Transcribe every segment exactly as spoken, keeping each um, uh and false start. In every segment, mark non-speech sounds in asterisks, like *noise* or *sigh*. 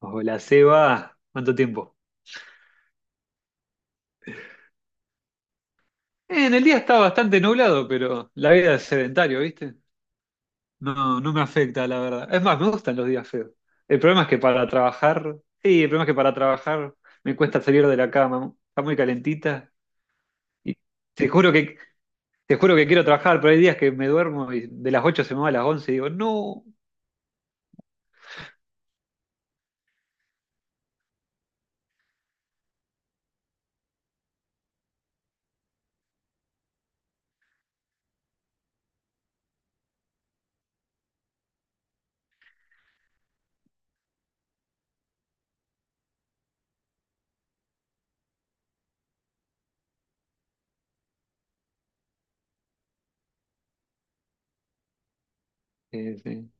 Hola, Seba. ¿Cuánto tiempo? Eh, en el día está bastante nublado, pero la vida es sedentario, ¿viste? No, no me afecta, la verdad. Es más, me gustan los días feos. El problema es que para trabajar, sí, el problema es que para trabajar me cuesta salir de la cama. Está muy calentita y te juro que te juro que quiero trabajar, pero hay días que me duermo y de las ocho se me va a las once y digo, no. Eh, sí,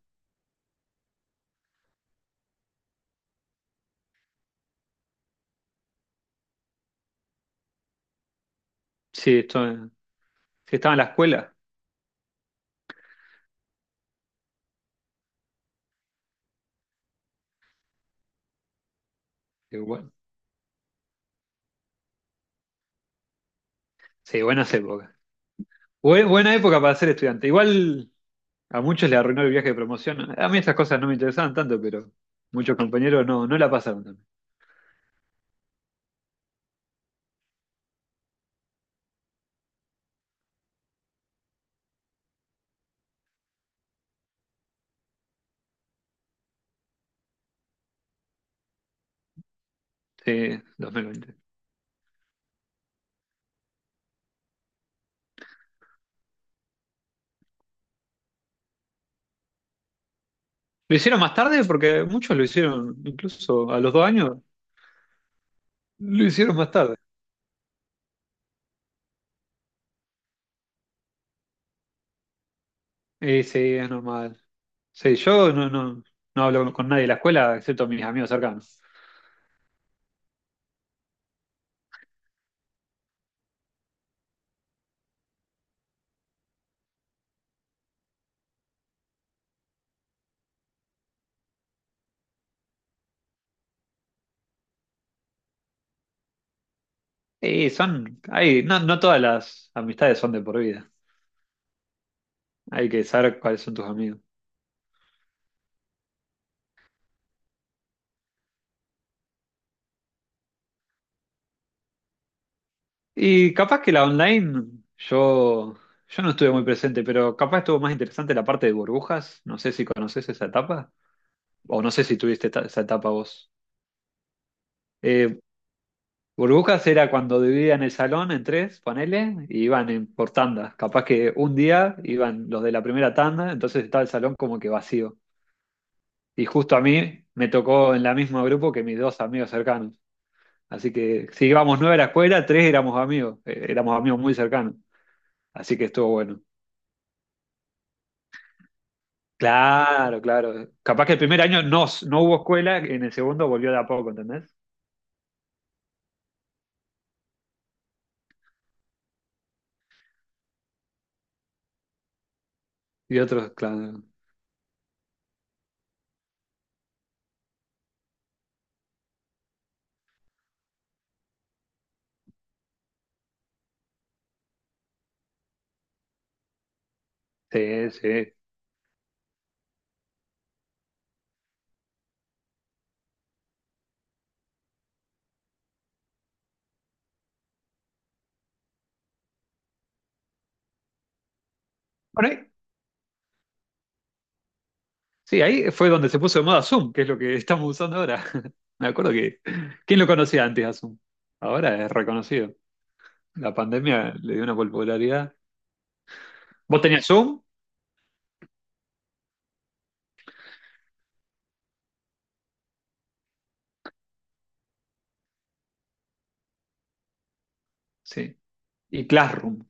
Sí, esto- sí, estaba en la escuela. Eh, bueno, sí, buenas épocas. Bue- buena época para ser estudiante. Igual. A muchos le arruinó el viaje de promoción. A mí esas cosas no me interesaban tanto, pero muchos compañeros no, no la pasaron tan bien. Sí, dos mil veinte. Lo hicieron más tarde porque muchos lo hicieron, incluso a los dos años, lo hicieron más tarde. Eh, sí, es normal. Sí, yo no, no, no hablo con nadie de la escuela, excepto mis amigos cercanos. Y son, hay, no, no todas las amistades son de por vida. Hay que saber cuáles son tus amigos. Y capaz que la online, yo, yo no estuve muy presente, pero capaz estuvo más interesante la parte de burbujas. No sé si conoces esa etapa, o no sé si tuviste esta- esa etapa vos. Eh, Burbujas era cuando dividían el salón en tres, ponele, y iban en, por tandas. Capaz que un día iban los de la primera tanda, entonces estaba el salón como que vacío. Y justo a mí me tocó en la misma grupo que mis dos amigos cercanos. Así que si íbamos nueve a la escuela, tres éramos amigos, eh, éramos amigos muy cercanos. Así que estuvo bueno. Claro, claro. Capaz que el primer año no, no hubo escuela, en el segundo volvió de a poco, ¿entendés? Y otros, claro. Sí, sí. Bueno, ahí- sí, ahí fue donde se puso de moda Zoom, que es lo que *laughs* estamos usando ahora. *laughs* Me acuerdo que, ¿quién lo conocía antes a Zoom? Ahora es reconocido. La pandemia le dio una popularidad. ¿Vos tenías Zoom? Sí. Y Classroom,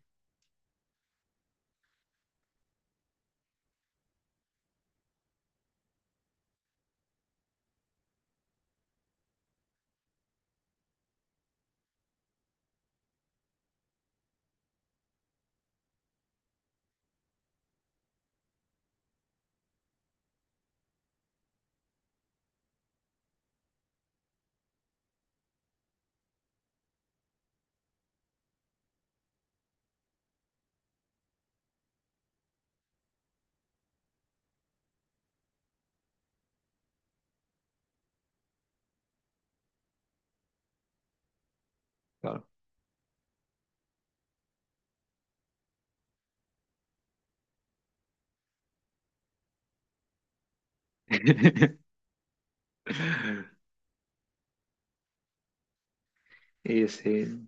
claro. *laughs* Y sí,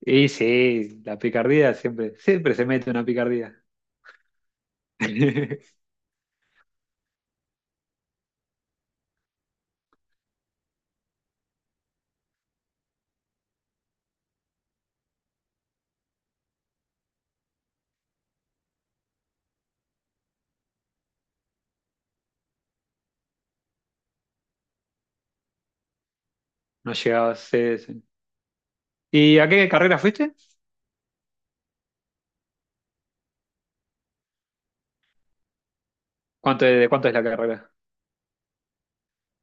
y sí, la picardía siempre, siempre se mete una picardía. *laughs* No llegaba a ser. ¿Y a qué carrera fuiste? ¿Cuánto, de cuánto es la carrera?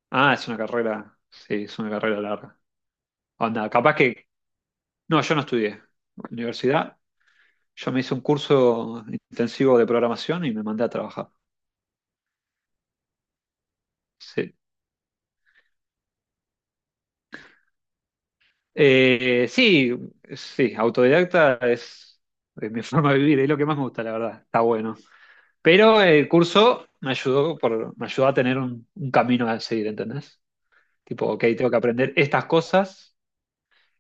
Ah, es una carrera. Sí, es una carrera larga. Onda, capaz que. No, yo no estudié. Universidad. Yo me hice un curso intensivo de programación y me mandé a trabajar. Sí. Eh, sí, sí, autodidacta es, es mi *laughs* forma de vivir, es lo que más me gusta, la verdad. Está bueno. Pero el curso me ayudó, por, me ayudó a tener un, un camino a seguir, ¿entendés? Tipo, ok, tengo que aprender estas cosas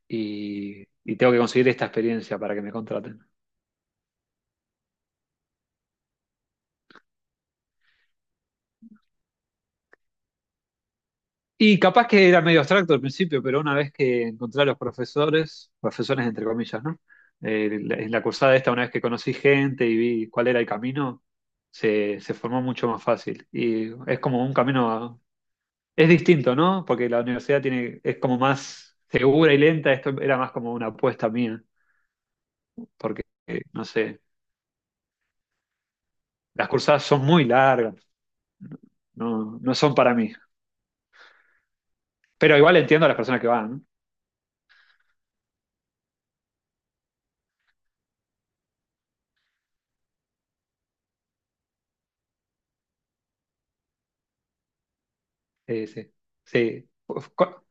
y, y tengo que conseguir esta experiencia para que me contraten. Y capaz que era medio abstracto al principio, pero una vez que encontré a los profesores, profesores entre comillas, ¿no? Eh, la- en la cursada esta, una vez que conocí gente y vi cuál era el camino, se, se formó mucho más fácil. Y es como un camino, a- es distinto, ¿no? Porque la universidad tiene, es como más segura y lenta, esto era más como una apuesta mía, porque, eh, no sé, las cursadas son muy largas, no, no son para mí. Pero igual entiendo a las personas que van, ¿no? Sí, sí, sí. Uf, co-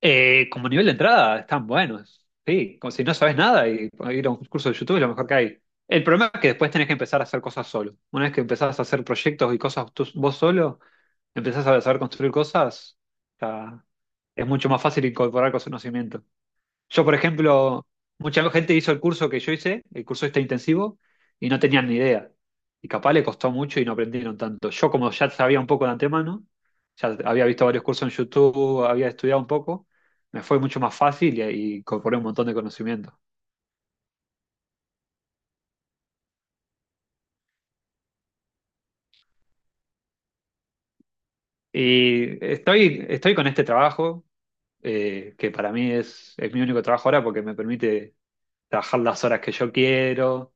eh, como nivel de entrada están buenos, sí, como si no sabes nada y ir a un curso de YouTube es lo mejor que hay. El problema es que después tenés que empezar a hacer cosas solo. Una vez que empezás a hacer proyectos y cosas tú- vos solo, empezás a saber construir cosas, ya es mucho más fácil incorporar conocimiento. Yo, por ejemplo, mucha gente hizo el curso que yo hice, el curso este intensivo, y no tenían ni idea. Y capaz le costó mucho y no aprendieron tanto. Yo, como ya sabía un poco de antemano, ya había visto varios cursos en YouTube, había estudiado un poco, me fue mucho más fácil y, y incorporé un montón de conocimiento. Y estoy, estoy con este trabajo, eh, que para mí es, es mi único trabajo ahora porque me permite trabajar las horas que yo quiero,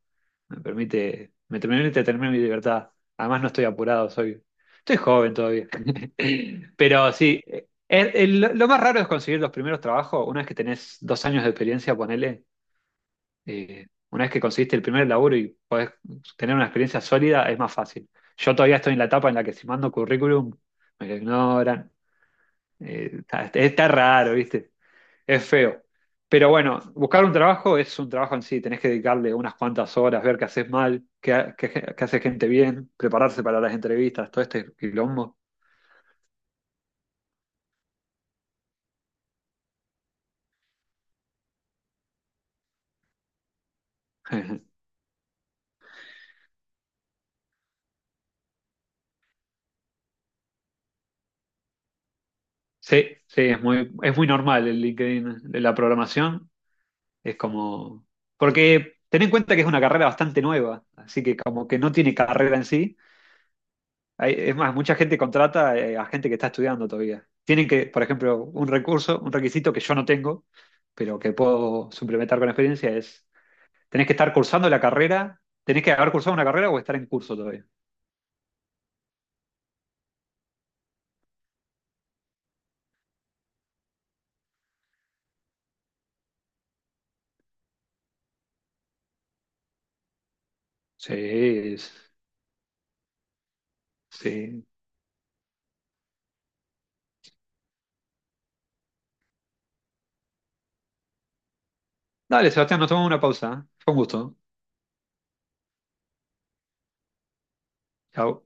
me permite, me permite tener mi libertad. Además no estoy apurado, soy, estoy joven todavía. *laughs* Pero sí, eh, el- lo más raro es conseguir los primeros trabajos, una vez que tenés dos años de experiencia, ponele, eh, una vez que conseguiste el primer laburo y podés tener una experiencia sólida, es más fácil. Yo todavía estoy en la etapa en la que si mando currículum, me lo ignoran. Eh, está, está raro, ¿viste? Es feo. Pero bueno, buscar un trabajo es un trabajo en sí. Tenés que dedicarle unas cuantas horas, ver qué haces mal, qué, ha- qué, qué hace gente bien, prepararse para las entrevistas, todo este quilombo. *laughs* Sí, sí, es muy, es muy normal el LinkedIn de la programación. Es como. Porque ten en cuenta que es una carrera bastante nueva, así que como que no tiene carrera en sí. Hay- es más, mucha gente contrata eh, a gente que está estudiando todavía. Tienen que, por ejemplo, un recurso, un requisito que yo no tengo, pero que puedo suplementar con experiencia es, tenés que estar cursando la carrera, tenés que haber cursado una carrera o estar en curso todavía. Sí, es- sí. Dale, Sebastián, nos tomamos una pausa. ¿Eh? Fue un gusto. Chau.